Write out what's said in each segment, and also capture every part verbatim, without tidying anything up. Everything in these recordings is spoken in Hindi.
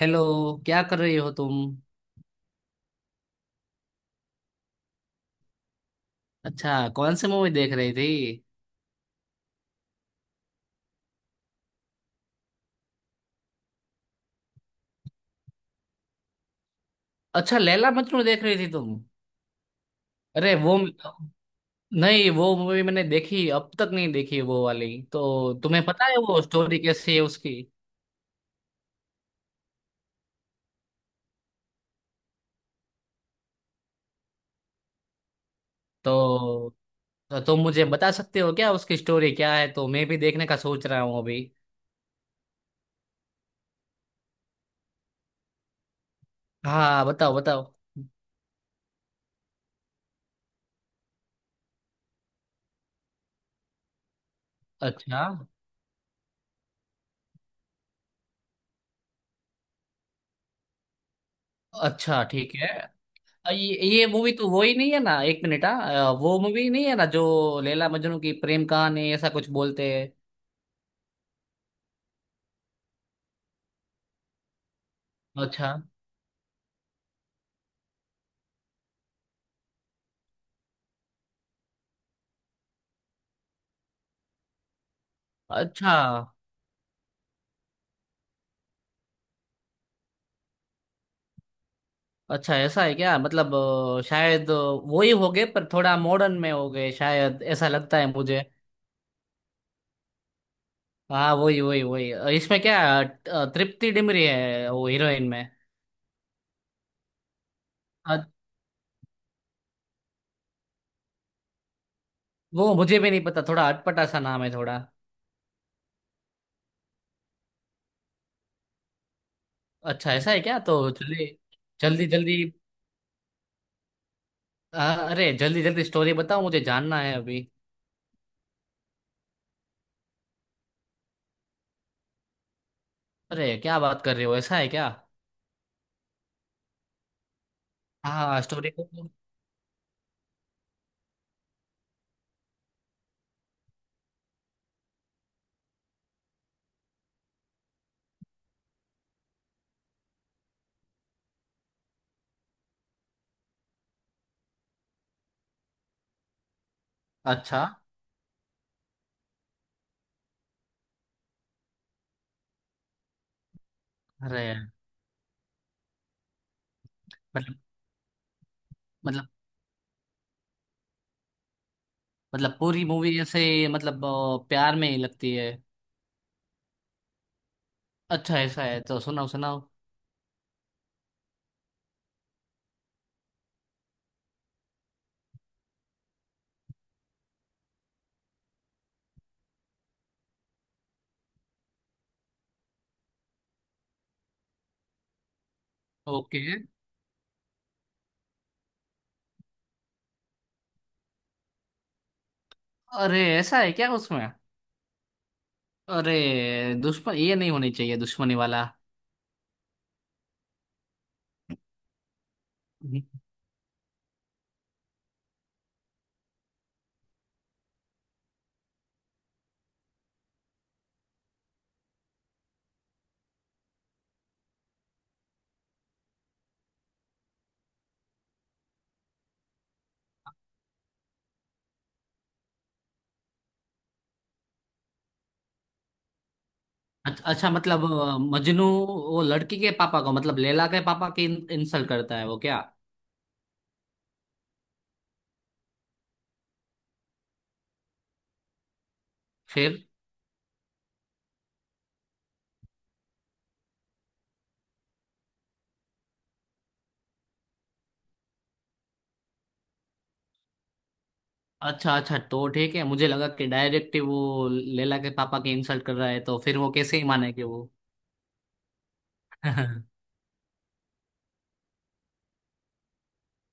हेलो। क्या कर रही हो तुम। अच्छा, कौन सी मूवी देख रही थी। अच्छा, लैला मजनू देख रही थी तुम। अरे वो, नहीं वो मूवी मैंने देखी, अब तक नहीं देखी वो वाली। तो तुम्हें पता है वो स्टोरी कैसी है उसकी। तो तो तुम मुझे बता सकते हो क्या उसकी स्टोरी क्या है, तो मैं भी देखने का सोच रहा हूँ अभी। हाँ बताओ बताओ। अच्छा। अच्छा ठीक है। अ, ये ये मूवी तो वो ही नहीं है ना, एक मिनट, हाँ अ, वो मूवी नहीं है ना जो लैला मजनू की प्रेम कहानी ऐसा कुछ बोलते हैं। अच्छा। अच्छा। अच्छा ऐसा है क्या, मतलब अ, शायद अ, वो ही हो गए पर थोड़ा मॉडर्न में हो गए शायद, ऐसा लगता है मुझे। हाँ वही वही वही, अ, इसमें क्या, अ, तृप्ति डिमरी है वो हीरोइन में। अ, वो मुझे भी नहीं पता, थोड़ा अटपटा सा नाम है थोड़ा। अच्छा ऐसा है क्या, तो चलिए जल्दी जल्दी। अ, अरे जल्दी जल्दी स्टोरी बताओ, मुझे जानना है अभी। अरे क्या बात कर रहे हो, ऐसा है क्या। हाँ स्टोरी को। अच्छा। अरे मतलब, मतलब, मतलब पूरी मूवी ऐसे मतलब अ, प्यार में ही लगती है। अच्छा ऐसा है, तो सुनाओ सुनाओ। ओके। अरे ऐसा है क्या उसमें। अरे दुश्मन, ये नहीं होनी चाहिए दुश्मनी वाला। अच्छा अच्छा, मतलब अ, मजनू वो लड़की के पापा को, मतलब लैला के पापा की इंसल्ट करता है वो क्या। फिर। अच्छा अच्छा तो ठीक है, मुझे लगा कि डायरेक्ट वो लैला के पापा की इंसल्ट कर रहा है, तो फिर वो कैसे ही मानेगी वो।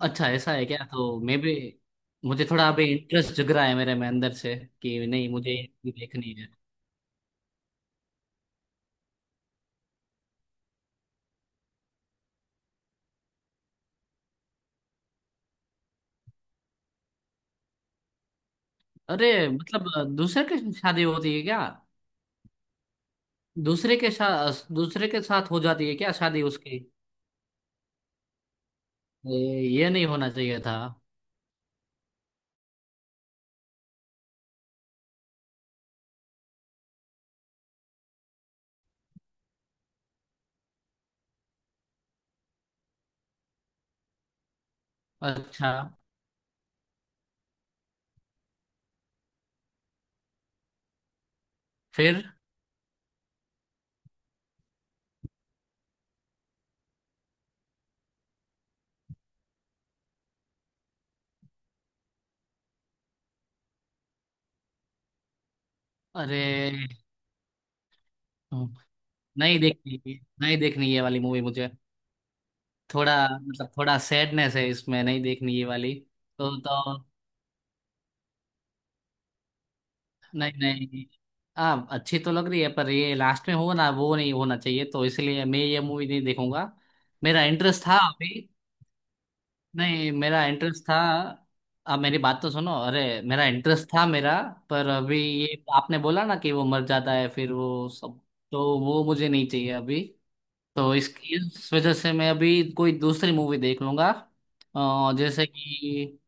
अच्छा ऐसा है क्या, तो मैं भी मुझे थोड़ा अभी इंटरेस्ट जग रहा है मेरे में अंदर से कि नहीं मुझे ये देखनी है। अरे मतलब दूसरे के शादी होती है क्या, दूसरे के साथ, दूसरे के साथ हो जाती है क्या शादी उसकी। ये ये नहीं होना चाहिए था। अच्छा। फिर। अरे। हम्म। नहीं देखनी, नहीं देखनी ये वाली मूवी मुझे। थोड़ा, मतलब थोड़ा सैडनेस है इसमें, नहीं देखनी ये वाली। तो तो नहीं नहीं, हाँ अच्छी तो लग रही है पर ये लास्ट में हो ना वो नहीं होना चाहिए, तो इसलिए मैं ये मूवी नहीं देखूंगा। मेरा इंटरेस्ट था अभी, नहीं मेरा इंटरेस्ट था। आप मेरी बात तो सुनो, अरे मेरा इंटरेस्ट था मेरा। पर अभी ये आपने बोला ना कि वो मर जाता है फिर वो सब, तो वो मुझे नहीं चाहिए अभी। तो इस इस वजह से मैं अभी कोई दूसरी मूवी देख लूंगा। अ, जैसे कि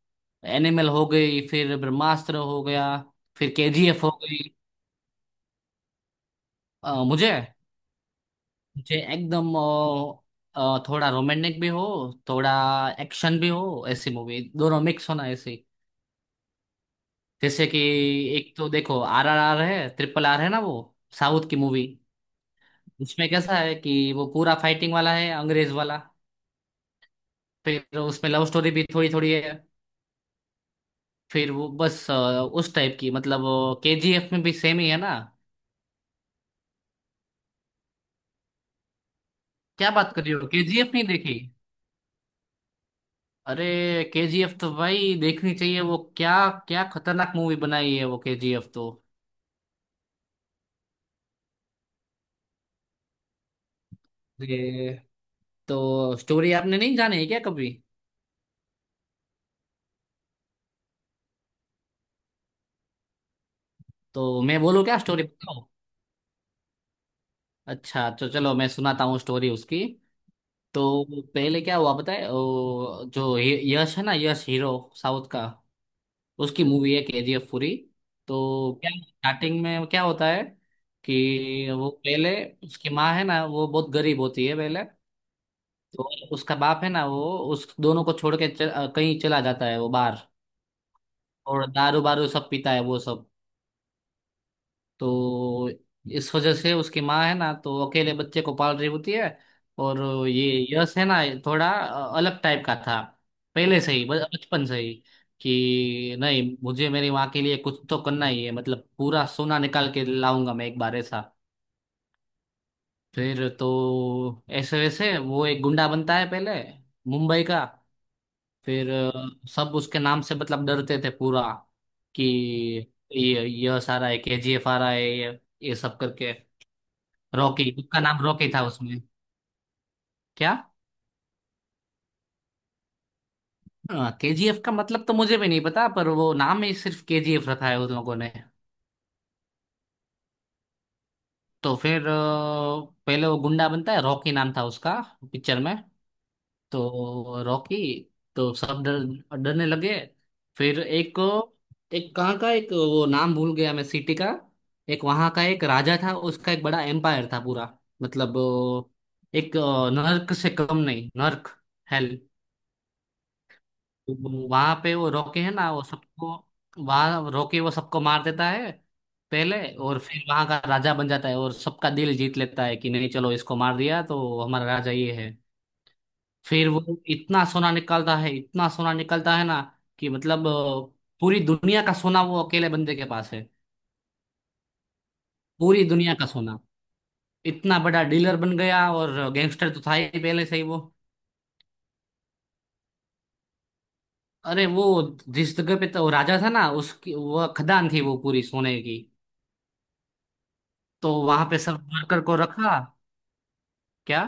एनिमल हो गई, फिर ब्रह्मास्त्र हो गया, फिर के जी एफ हो गई। अ, मुझे, मुझे एकदम अ, अ, थोड़ा रोमांटिक भी हो, थोड़ा एक्शन भी हो, ऐसी मूवी दोनों मिक्स होना ऐसी। जैसे कि एक तो देखो आर आर आर है, ट्रिपल आर है ना वो, साउथ की मूवी। उसमें कैसा है कि वो पूरा फाइटिंग वाला है, अंग्रेज वाला। फिर उसमें लव स्टोरी भी थोड़ी थोड़ी है। फिर वो बस अ, उस टाइप की, मतलब के जी एफ में भी सेम ही है ना। क्या बात कर रही हो, के जी एफ नहीं देखी। अरे के जी एफ तो भाई देखनी चाहिए वो, क्या क्या खतरनाक मूवी बनाई है वो के जी एफ तो। ये, तो स्टोरी आपने नहीं जानी है क्या कभी। तो मैं बोलूँ क्या, स्टोरी बताओ। अच्छा तो चलो मैं सुनाता हूँ स्टोरी उसकी। तो पहले क्या हुआ बताए, वो जो ये- यश है ना, यश हीरो साउथ का, उसकी मूवी है के जी एफ पूरी। तो क्या स्टार्टिंग में क्या होता है कि वो पहले उसकी माँ है ना वो बहुत गरीब होती है पहले। तो उसका बाप है ना वो, उस दोनों को छोड़ के चल, कहीं चला जाता है वो बाहर और दारू बारू सब पीता है वो सब। तो इस वजह से उसकी माँ है ना तो अकेले बच्चे को पाल रही होती है। और ये यश है ना, ये थोड़ा अ, अलग टाइप का था पहले से ही, ब- बचपन से ही कि नहीं मुझे मेरी माँ के लिए कुछ तो करना ही है, मतलब पूरा सोना निकाल के लाऊंगा मैं एक बार, ऐसा। फिर तो ऐसे वैसे वो एक गुंडा बनता है पहले, मुंबई का। फिर अ, सब उसके नाम से मतलब डरते थे पूरा कि ये यश आ रहा है, के जी एफ आ रहा है, ये ये सब करके। रॉकी, उसका नाम रॉकी था उसमें। क्या, हाँ, के जी एफ का मतलब तो मुझे भी नहीं पता, पर वो नाम ही सिर्फ के जी एफ रखा है उन लोगों ने। तो फिर अ, पहले वो गुंडा बनता है, रॉकी नाम था उसका पिक्चर में। तो रॉकी, तो सब डर, डरने लगे। फिर एक, एक कहाँ का, एक वो नाम भूल गया मैं सिटी का, एक वहाँ का एक राजा था उसका, एक बड़ा एम्पायर था पूरा मतलब अ, एक अ, नर्क से कम नहीं, नर्क, हेल। वहां पे वो रोके है ना वो सबको, वहां रोके वो सबको मार देता है पहले, और फिर वहां का राजा बन जाता है और सबका दिल जीत लेता है कि नहीं चलो, इसको मार दिया तो हमारा राजा ये है। फिर वो इतना सोना निकालता है, इतना सोना निकालता है ना कि मतलब अ, पूरी दुनिया का सोना वो अकेले बंदे के पास है, पूरी दुनिया का सोना। इतना बड़ा डीलर बन गया, और गैंगस्टर तो था ही पहले से ही वो। अरे वो जिस जगह पे तो वो राजा था ना, उसकी वो खदान थी वो पूरी सोने की, तो वहां पे सब वर्कर को रखा। क्या,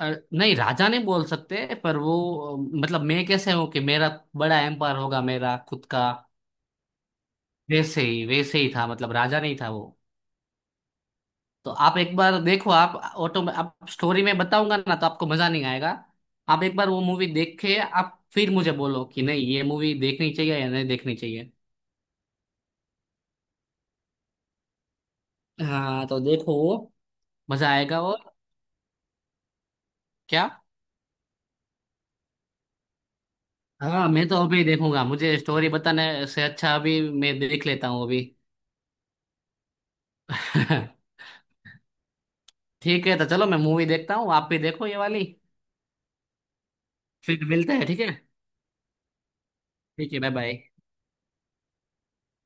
अ, नहीं राजा नहीं बोल सकते पर वो अ, मतलब मैं कैसे हूँ कि मेरा बड़ा एम्पायर होगा मेरा खुद का, वैसे ही वैसे ही था, मतलब राजा नहीं था वो। तो आप एक बार देखो, आप ऑटो में आप स्टोरी में बताऊंगा ना तो आपको मजा नहीं आएगा। आप एक बार वो मूवी देख के आप फिर मुझे बोलो कि नहीं ये मूवी देखनी चाहिए या नहीं देखनी चाहिए। हाँ तो देखो वो मजा आएगा और। क्या, हाँ मैं तो अभी देखूंगा, मुझे स्टोरी बताने से अच्छा अभी मैं देख लेता हूँ अभी। ठीक है, तो चलो मैं मूवी देखता हूँ, आप भी देखो ये वाली। फिर मिलते हैं ठीक है। ठीक है बाय बाय।